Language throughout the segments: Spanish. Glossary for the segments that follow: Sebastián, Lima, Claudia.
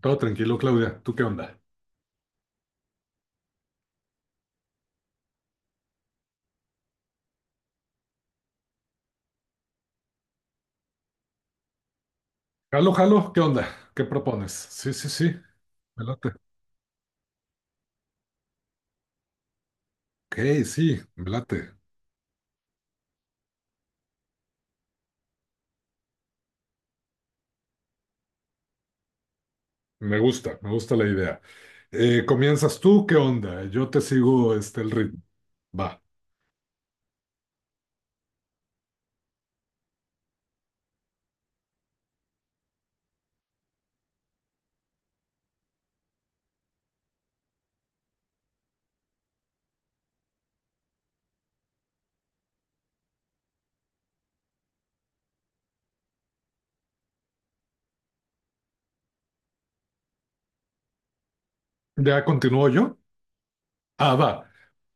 Todo tranquilo, Claudia. ¿Tú qué onda? Jalo, jalo, ¿qué onda? ¿Qué propones? Sí, sí, sí, me late. Ok, sí, me late. Me gusta la idea. ¿Comienzas tú? ¿Qué onda? Yo te sigo el ritmo. Va. ¿Ya continúo yo? Ah, va.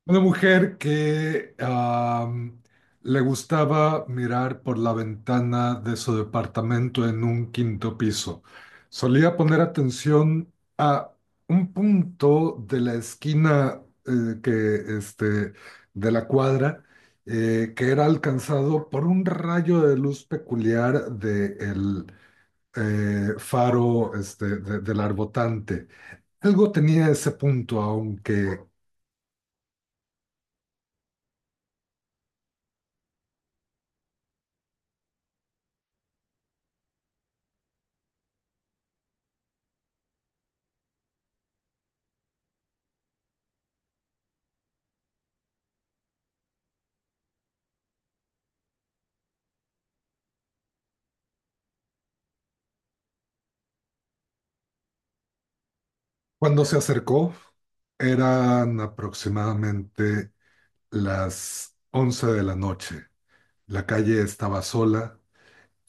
Una mujer que le gustaba mirar por la ventana de su departamento en un quinto piso. Solía poner atención a un punto de la esquina de la cuadra, que era alcanzado por un rayo de luz peculiar del faro, del arbotante. Algo tenía ese punto, aunque... Cuando se acercó, eran aproximadamente las 11 de la noche. La calle estaba sola.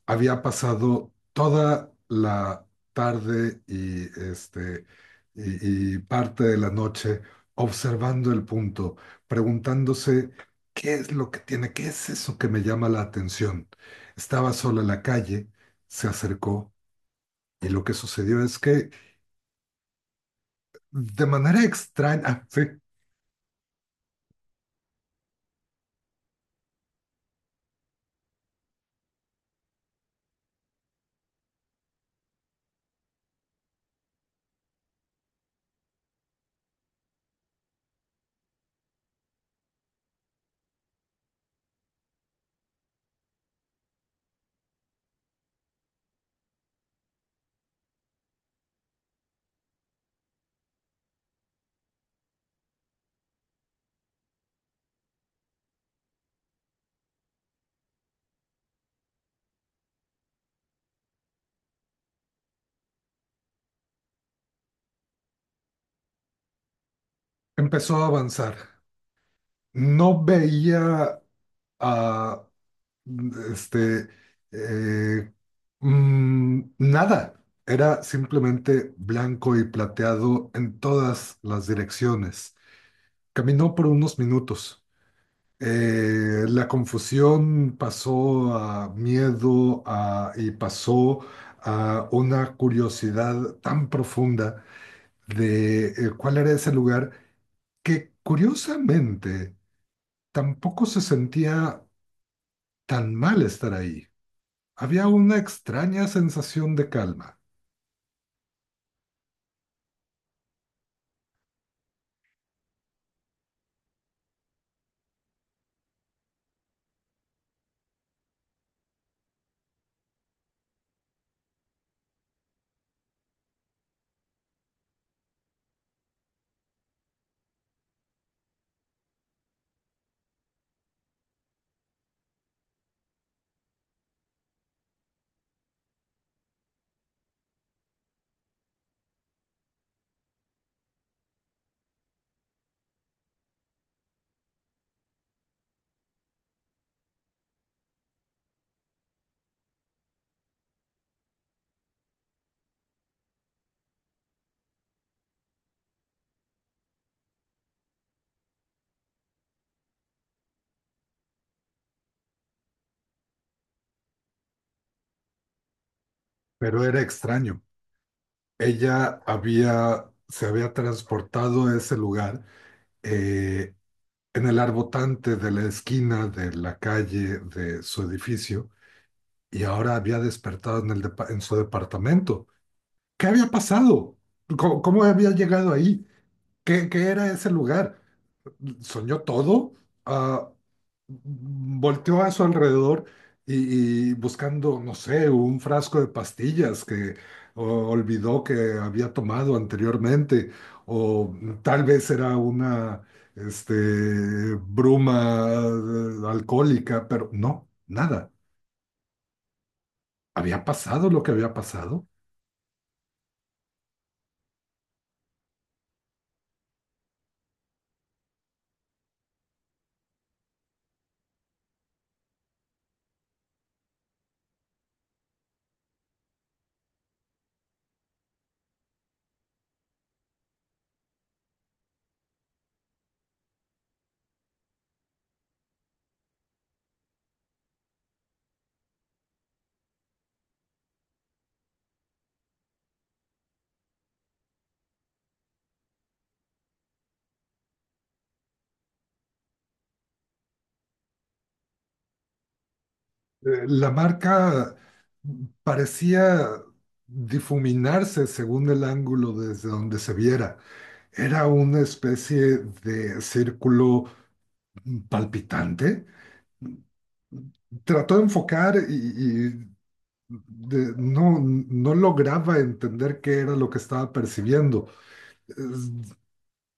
Había pasado toda la tarde y parte de la noche observando el punto, preguntándose qué es lo que tiene, qué es eso que me llama la atención. Estaba sola en la calle, se acercó y lo que sucedió es que de manera extraña... Sí. Empezó a avanzar. No veía a este eh, nada. Era simplemente blanco y plateado en todas las direcciones. Caminó por unos minutos. La confusión pasó a miedo y pasó a una curiosidad tan profunda de cuál era ese lugar, que curiosamente tampoco se sentía tan mal estar ahí. Había una extraña sensación de calma, pero era extraño. Ella se había transportado a ese lugar, eh, en el arbotante de la esquina de la calle de su edificio, y ahora había despertado en en su departamento. ¿Qué había pasado? Cómo había llegado ahí? Qué era ese lugar? ¿Soñó todo? Ah, volteó a su alrededor, y buscando, no sé, un frasco de pastillas que o- olvidó que había tomado anteriormente, o tal vez era una este, bruma alcohólica, pero no, nada. Había pasado lo que había pasado. La marca parecía difuminarse según el ángulo desde donde se viera. Era una especie de círculo palpitante. Trató de enfocar y no, no lograba entender qué era lo que estaba percibiendo. Es-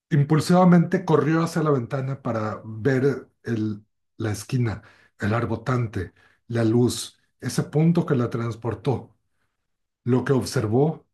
Impulsivamente corrió hacia la ventana para ver la esquina, el arbotante, la luz, ese punto que la transportó. Lo que observó,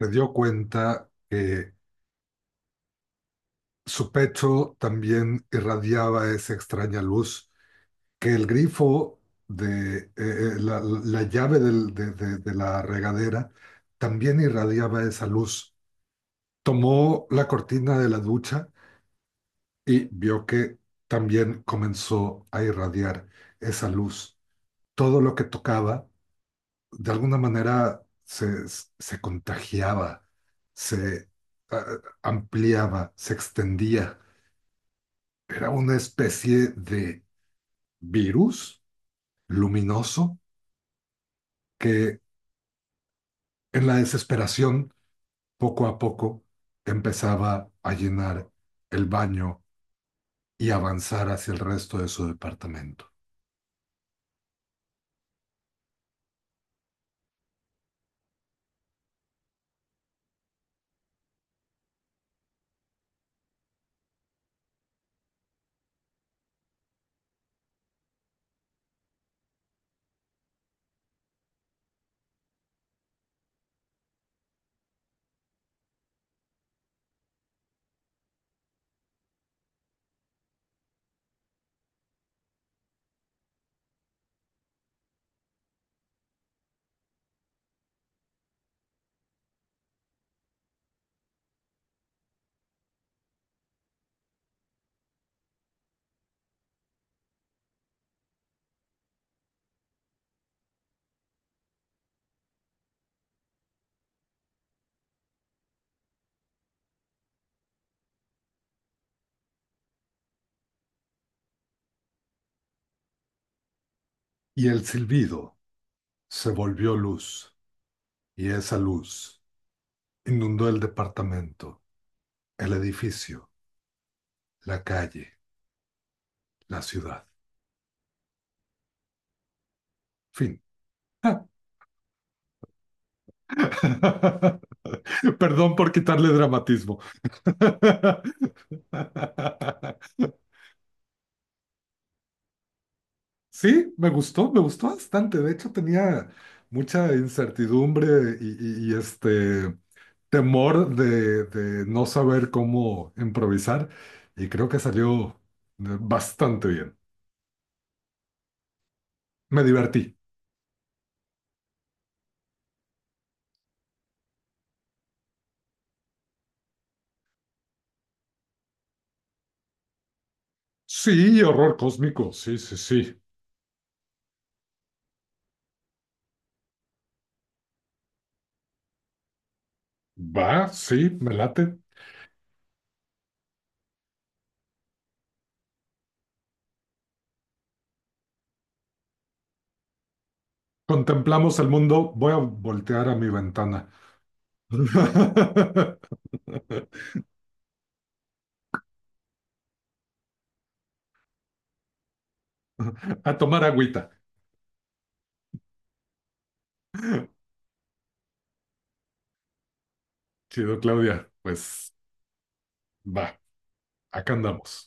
se dio cuenta que su pecho también irradiaba esa extraña luz, que el grifo de la llave de la regadera también irradiaba esa luz. Tomó la cortina de la ducha y vio que también comenzó a irradiar esa luz. Todo lo que tocaba, de alguna manera, se contagiaba, se ah, ampliaba, se extendía. Era una especie de virus luminoso que... En la desesperación, poco a poco, empezaba a llenar el baño y avanzar hacia el resto de su departamento. Y el silbido se volvió luz, y esa luz inundó el departamento, el edificio, la calle, la ciudad. Fin. Perdón por quitarle dramatismo. Sí, me gustó bastante. De hecho, tenía mucha incertidumbre y temor de no saber cómo improvisar, y creo que salió bastante bien. Me divertí. Sí, horror cósmico, sí, sí, sí. Va, sí, me late. Contemplamos el mundo, voy a voltear a mi ventana. A tomar agüita. Chido, Claudia. Pues va, acá andamos.